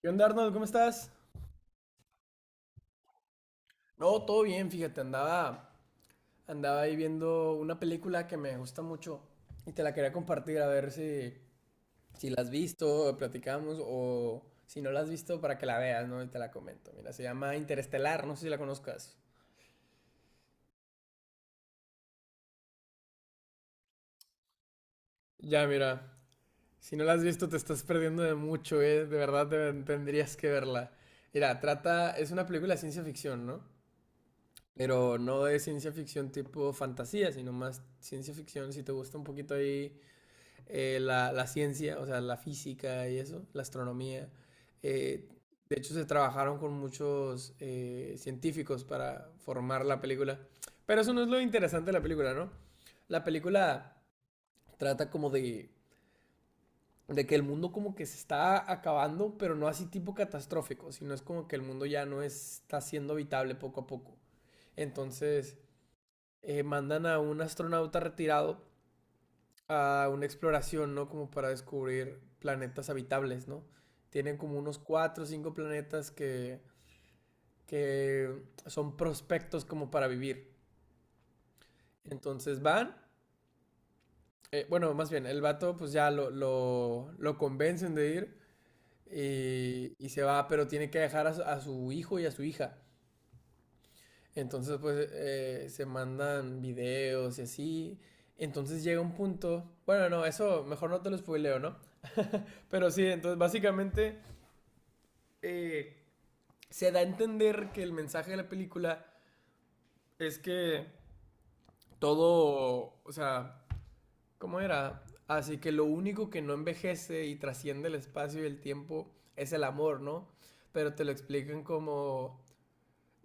¿Qué onda, Arnold? ¿Cómo estás? No, todo bien, fíjate, andaba ahí viendo una película que me gusta mucho y te la quería compartir a ver si, si la has visto, platicamos o si no la has visto para que la veas, ¿no? Y te la comento. Mira, se llama Interestelar, no sé si la conozcas. Ya, mira, si no la has visto te estás perdiendo de mucho, ¿eh? De verdad tendrías que verla. Mira, trata, es una película de ciencia ficción, ¿no? Pero no de ciencia ficción tipo fantasía, sino más ciencia ficción, si te gusta un poquito ahí ciencia, o sea, la física y eso, la astronomía. Eh, de hecho, se trabajaron con muchos científicos para formar la película. Pero eso no es lo interesante de la película, ¿no? La película trata como de que el mundo como que se está acabando, pero no así tipo catastrófico, sino es como que el mundo ya no está siendo habitable poco a poco. Entonces, mandan a un astronauta retirado a una exploración, ¿no? Como para descubrir planetas habitables, ¿no? Tienen como unos cuatro o cinco planetas que son prospectos como para vivir. Entonces van, bueno, más bien, el vato pues ya lo convencen de ir y se va, pero tiene que dejar a, a su hijo y a su hija. Entonces pues se mandan videos y así. Entonces llega un punto, bueno, no, eso mejor no te lo spoileo, ¿no? Pero sí, entonces básicamente eh, se da a entender que el mensaje de la película es que todo, o sea, ¿cómo era? Así que lo único que no envejece y trasciende el espacio y el tiempo es el amor, ¿no? Pero te lo explican como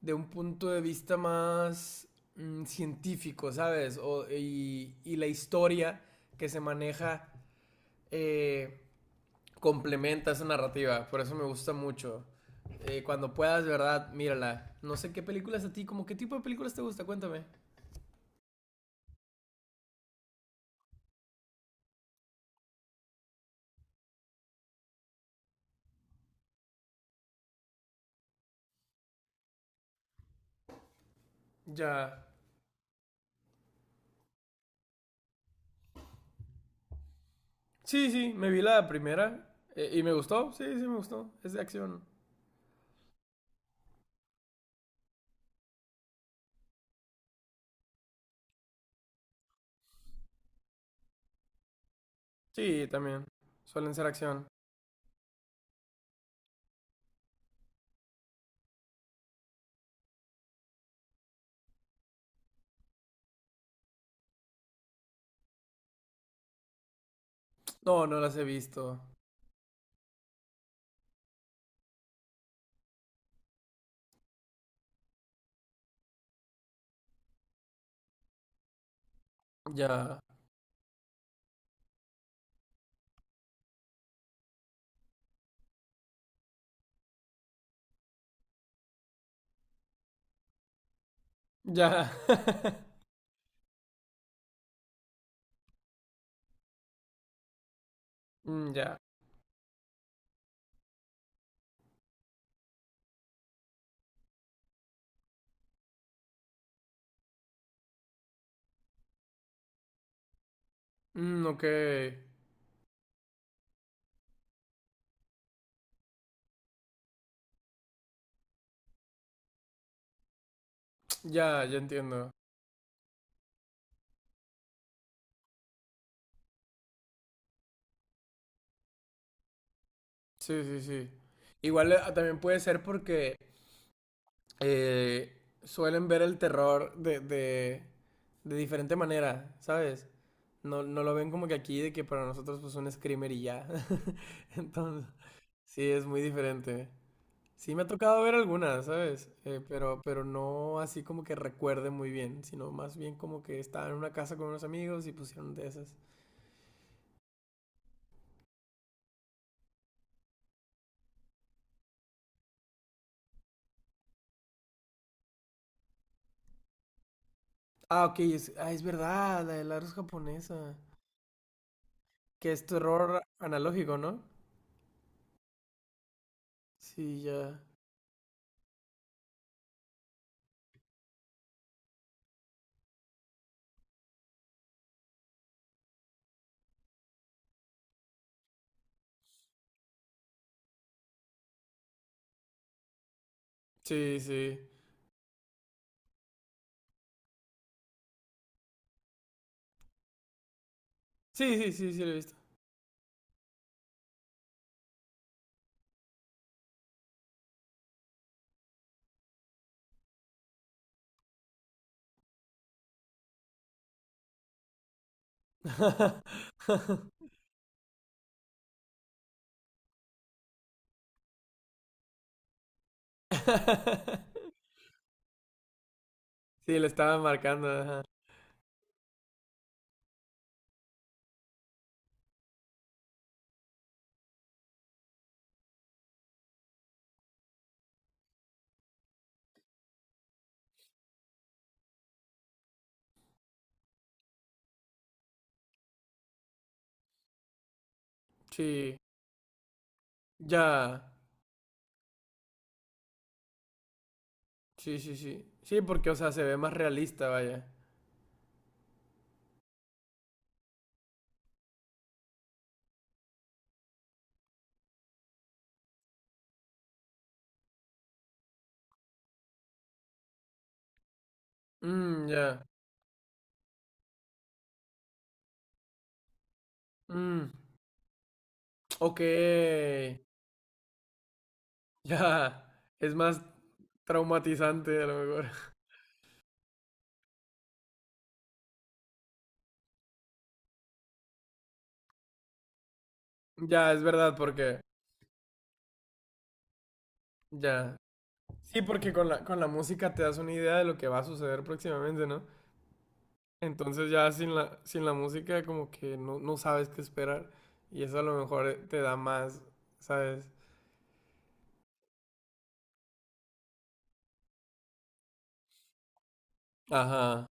de un punto de vista más científico, ¿sabes? Y, y la historia que se maneja eh, complementa esa narrativa. Por eso me gusta mucho. Cuando puedas, de verdad, mírala. No sé qué películas a ti, como qué tipo de películas te gusta, cuéntame. Ya. Sí, sí, me vi la primera y me gustó. Sí, sí, me gustó. Es de acción. Sí, también. Suelen ser acción. No, no las he visto. Ya. Ya. Mm, ya. Mm, ok. Ya, ya entiendo. Sí, sí, sí. Igual también puede ser porque suelen ver el terror de diferente manera, ¿sabes? No, no lo ven como que aquí, de que para nosotros pues un screamer y ya. Entonces, sí, es muy diferente. Sí, me ha tocado ver algunas, ¿sabes? Pero no así como que recuerde muy bien, sino más bien como que estaba en una casa con unos amigos y pusieron de esas. Ah, ok, es, ah, es verdad, la de la japonesa. Que es terror analógico, ¿no? Sí, ya. Sí, sí. Sí, sí, sí, sí, lo he visto. Sí, le estaba marcando, ajá. Sí, ya. Sí, sí, sí. Sí, porque, o sea, se ve más realista, vaya. Mmm, ya. Mmm, ok. Ya. Es más traumatizante, a lo mejor. Ya, es verdad, porque. Ya. Sí, porque con con la música te das una idea de lo que va a suceder próximamente, ¿no? Entonces ya sin sin la música como que no, no sabes qué esperar y eso a lo mejor te da más, ¿sabes? Ajá.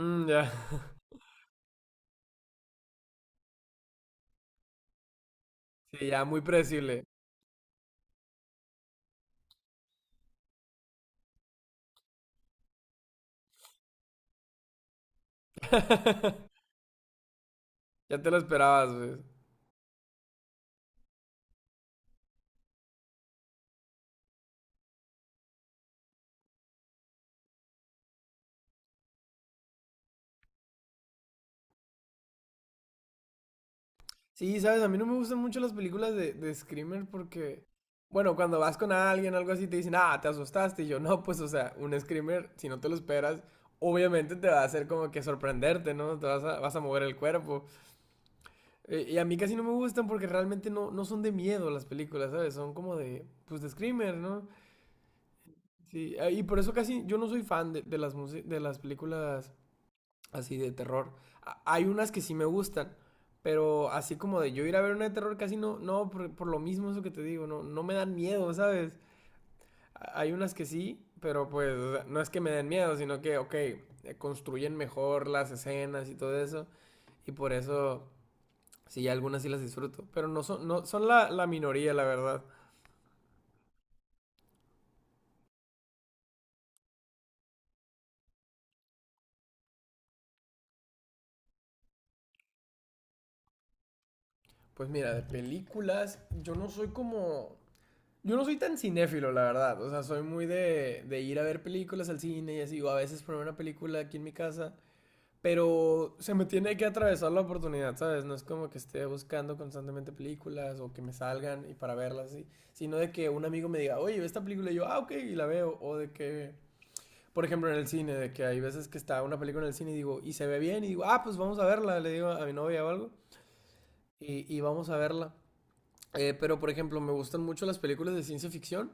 Mm, ya. Sí, ya muy predecible. Ya te lo esperabas, pues. Sí, sabes, a mí no me gustan mucho las películas de Screamer porque, bueno, cuando vas con alguien o algo así te dicen, ah, te asustaste. Y yo, no, pues, o sea, un Screamer, si no te lo esperas, obviamente te va a hacer como que sorprenderte, ¿no? Te vas a, vas a mover el cuerpo. Y a mí casi no me gustan porque realmente no, no son de miedo las películas, ¿sabes? Son como de, pues de screamer, ¿no? Sí, y por eso casi yo no soy fan de las, de las películas así de terror. A- hay unas que sí me gustan, pero así como de yo ir a ver una de terror casi no, no, por lo mismo eso que te digo, no, no me dan miedo, ¿sabes? A- Hay unas que sí, pero pues o sea, no es que me den miedo, sino que, ok, construyen mejor las escenas y todo eso, y por eso... Sí, algunas sí las disfruto, pero no son, no, son la, la minoría, la verdad. Pues mira, de películas, yo no soy como... Yo no soy tan cinéfilo, la verdad. O sea, soy muy de ir a ver películas al cine y así, o a veces poner una película aquí en mi casa, pero se me tiene que atravesar la oportunidad, ¿sabes? No es como que esté buscando constantemente películas o que me salgan y para verlas, ¿sí? Sino de que un amigo me diga, oye, ve esta película y yo, ah, ok, y la veo, o de que por ejemplo, en el cine, de que hay veces que está una película en el cine y digo, y se ve bien, y digo, ah, pues vamos a verla, le digo a mi novia o algo, y vamos a verla. Pero, por ejemplo, me gustan mucho las películas de ciencia ficción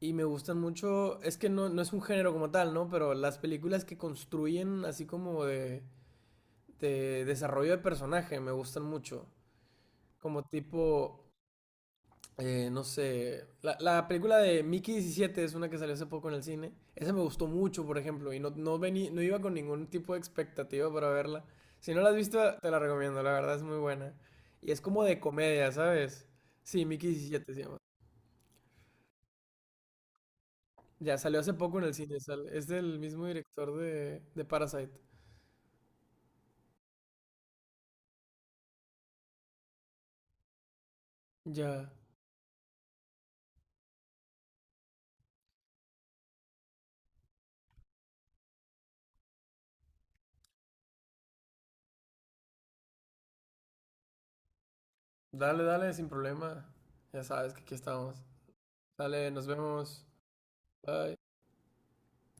y me gustan mucho, es que no, no es un género como tal, ¿no? Pero las películas que construyen así como de desarrollo de personaje me gustan mucho. Como tipo, no sé, la película de Mickey 17 es una que salió hace poco en el cine. Esa me gustó mucho, por ejemplo, y no, no, no iba con ningún tipo de expectativa para verla. Si no la has visto, te la recomiendo, la verdad es muy buena. Y es como de comedia, ¿sabes? Sí, Mickey 17 se llama. Ya, salió hace poco en el cine, es del mismo director de Parasite. Ya, dale, dale, sin problema. Ya sabes que aquí estamos. Dale, nos vemos. Bye.